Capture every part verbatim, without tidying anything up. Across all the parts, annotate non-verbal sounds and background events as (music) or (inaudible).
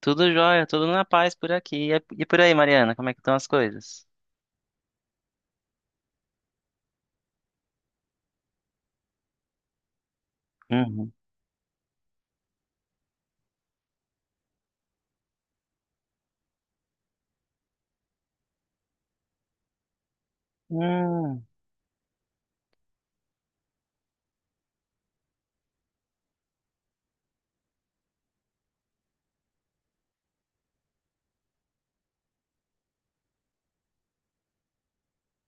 Tudo jóia, tudo na paz por aqui. E é, e por aí, Mariana, como é que estão as coisas? Uhum. Hum,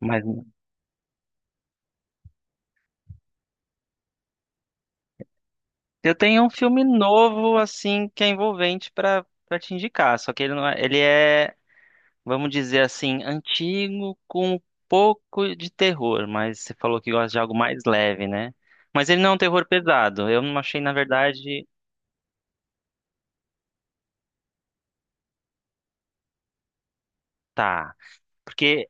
mas eu tenho um filme novo, assim, que é envolvente pra para te indicar. Só que ele não é, ele é, vamos dizer assim, antigo com um pouco de terror. Mas você falou que gosta de algo mais leve, né? Mas ele não é um terror pesado. Eu não achei, na verdade, tá. Porque,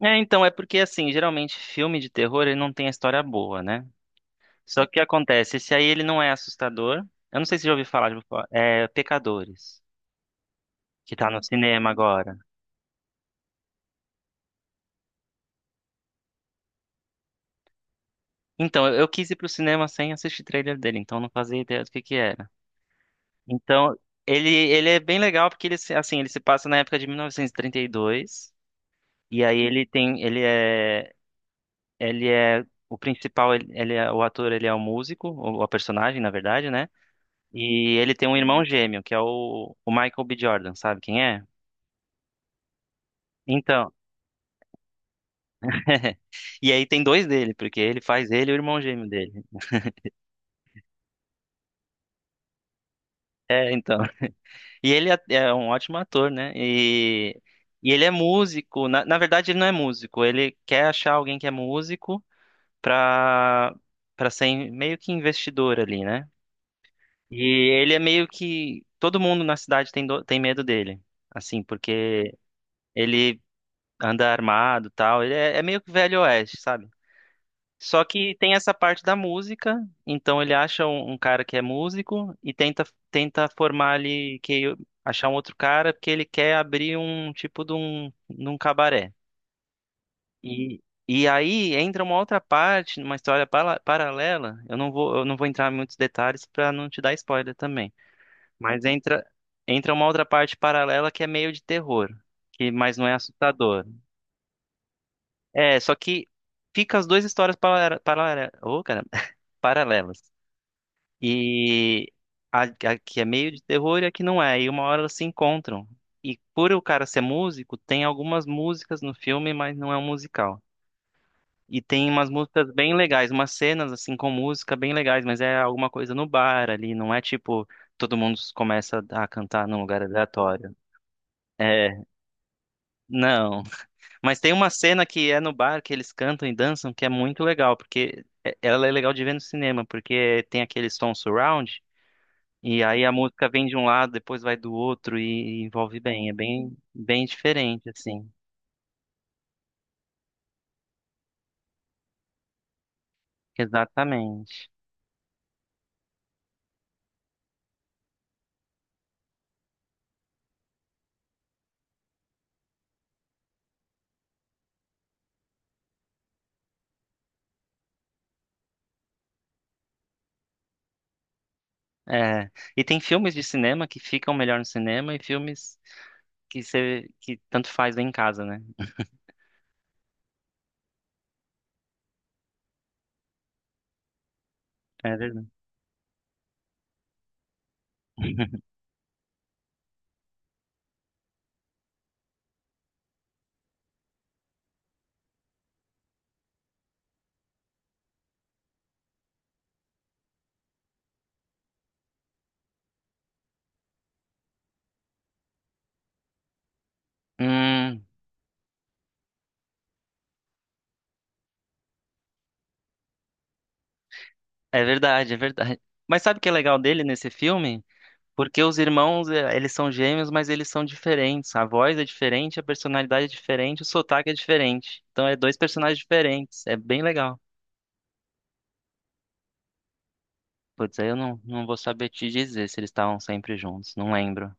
é, então, é porque, assim, geralmente filme de terror ele não tem a história boa, né? Só que acontece, esse aí ele não é assustador. Eu não sei se já ouviu falar, já ouviu falar. tipo, é Pecadores, que tá no cinema agora. Então, eu, eu quis ir pro cinema sem assistir trailer dele, então eu não fazia ideia do que que era. Então, ele ele é bem legal porque ele se- assim, ele se passa na época de mil novecentos e trinta e dois e trinta e dois, e aí ele tem ele é ele é o principal, ele, ele é o ator, ele é o músico, ou a personagem, na verdade, né? E ele tem um irmão gêmeo, que é o, o Michael B. Jordan, sabe quem é? Então, (laughs) e aí tem dois dele, porque ele faz ele e o irmão gêmeo dele. É, então. E ele é é um ótimo ator, né? E, e ele é músico. Na, na verdade, ele não é músico. Ele quer achar alguém que é músico, pra, pra ser meio que investidor ali, né? E ele é meio que. Todo mundo na cidade tem, do- tem medo dele. Assim, porque ele anda armado e tal. Ele é, é meio que velho oeste, sabe? Só que tem essa parte da música, então ele acha um, um cara que é músico e tenta tenta formar ali, que achar um outro cara, porque ele quer abrir um tipo de um, de um cabaré. E e aí entra uma outra parte, uma história pala- paralela. Eu não vou eu não vou entrar em muitos detalhes, para não te dar spoiler também. Mas entra entra uma outra parte paralela que é meio de terror, que mas não é assustador. É, só que fica as duas histórias para, para, oh, cara, (laughs) paralelas. E a, a que é meio de terror e a que não é. E uma hora elas se encontram. E por o cara ser músico, tem algumas músicas no filme, mas não é um musical. E tem umas músicas bem legais, umas cenas assim com música bem legais, mas é alguma coisa no bar ali, não é tipo todo mundo começa a cantar num lugar aleatório. É, não. Mas tem uma cena que é no bar que eles cantam e dançam que é muito legal, porque é- ela é legal de ver no cinema, porque tem aquele som surround. E aí a música vem de um lado, depois vai do outro e envolve bem. É bem, bem diferente, assim. Exatamente. É. E tem filmes de cinema que ficam melhor no cinema e filmes que você que tanto faz em casa, né? É verdade. (laughs) Hum, é verdade, é verdade. Mas sabe o que é legal dele nesse filme? Porque os irmãos, eh, eles são gêmeos, mas eles são diferentes. A voz é diferente, a personalidade é diferente, o sotaque é diferente. Então é dois personagens diferentes. É bem legal. Putz, aí eu não, não vou saber te dizer se eles estavam sempre juntos, não lembro.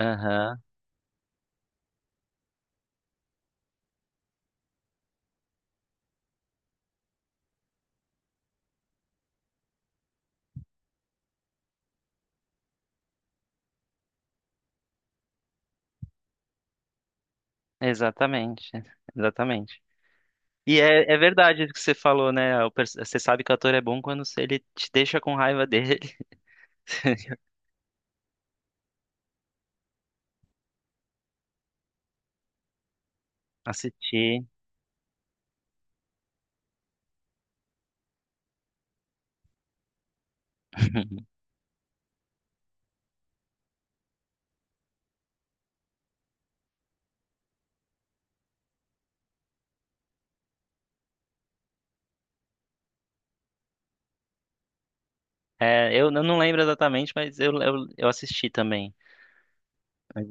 Aham, exatamente, (laughs) exatamente. E é, é verdade isso que você falou, né? O pers- Você sabe que o ator é bom quando se ele te deixa com raiva dele. (laughs) Assisti. (laughs) É, eu, eu não lembro exatamente, mas eu, eu, eu assisti também. Mas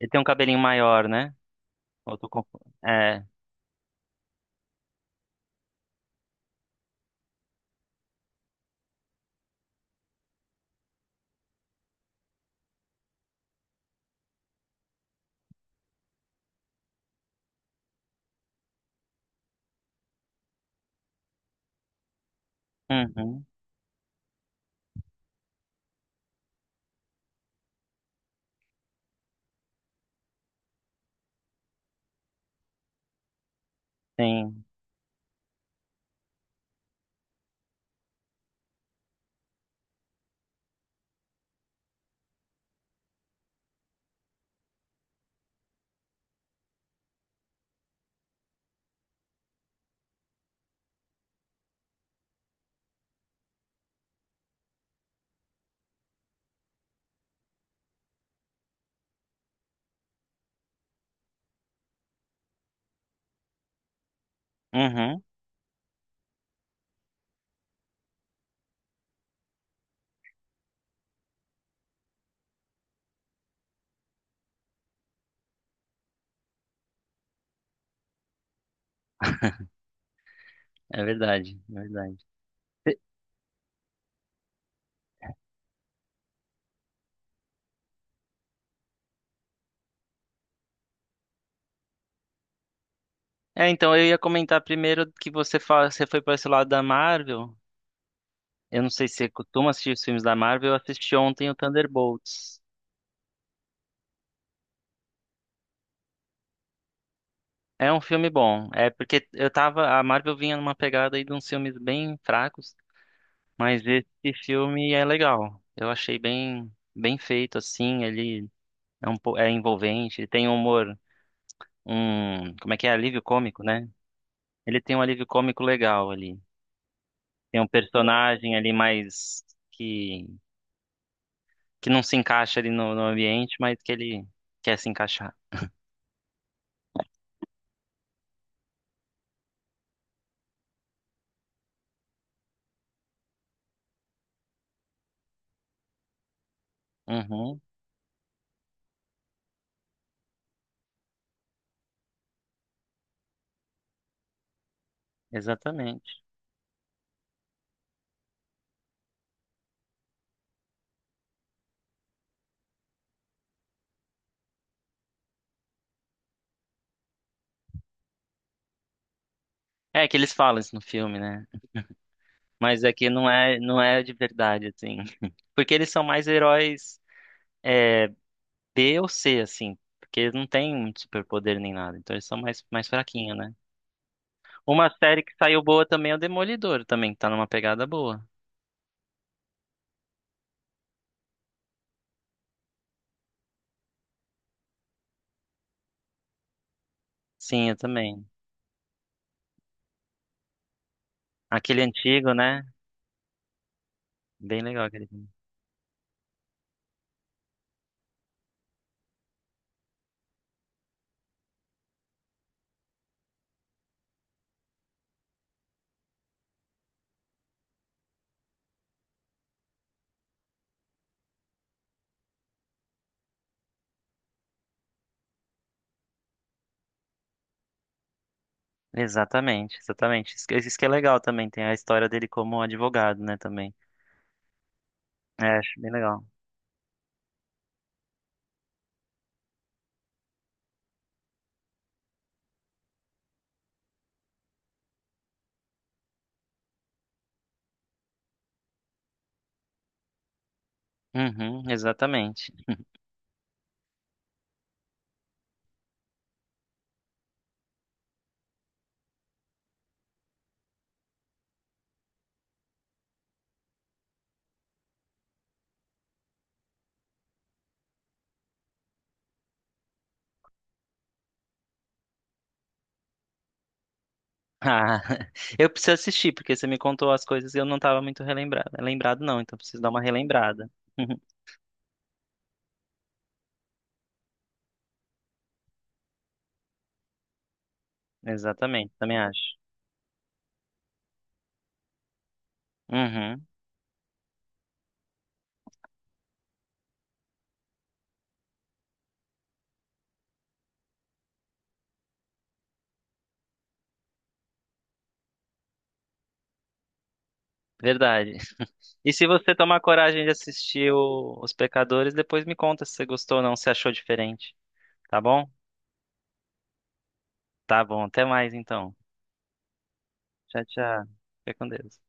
ele tem um cabelinho maior, né? Ou eu tô confu- É. Uhum, sim. Uhum, é verdade, é verdade. É, então, eu ia comentar primeiro que você, fa- você foi para esse lado da Marvel. Eu não sei se você costuma assistir os filmes da Marvel, eu assisti ontem o Thunderbolts. É um filme bom. É porque eu tava. A Marvel vinha numa pegada aí de uns filmes bem fracos, mas esse filme é legal. Eu achei bem, bem feito, assim. Ele é, um, po- é envolvente, ele tem um humor, um. Como é que é? Alívio cômico, né? Ele tem um alívio cômico legal ali. Tem um personagem ali mais que, que não se encaixa ali no, no ambiente, mas que ele quer se encaixar. Uhum, exatamente. É que eles falam isso no filme, né? Mas aqui não é, não é de verdade, assim. (laughs) Porque eles são mais heróis é, B ou C, assim. Porque eles não têm muito superpoder nem nada. Então eles são mais, mais fraquinhos, né? Uma série que saiu boa também é o Demolidor, também, que tá numa pegada boa. Sim, eu também. Aquele antigo, né? Bem legal aquele filme. Exatamente, exatamente. Isso que isso que é legal também. Tem a história dele como advogado, né? Também. É, acho bem legal. Uhum, exatamente. Ah, (laughs) eu preciso assistir, porque você me contou as coisas e eu não estava muito relembrado. Lembrado não, então preciso dar uma relembrada. (laughs) Exatamente, também acho. Uhum, verdade. (laughs) E se você tomar coragem de assistir o- Os Pecadores, depois me conta se você gostou ou não, se achou diferente. Tá bom? Tá bom, até mais então. Tchau, tchau. Fica com Deus.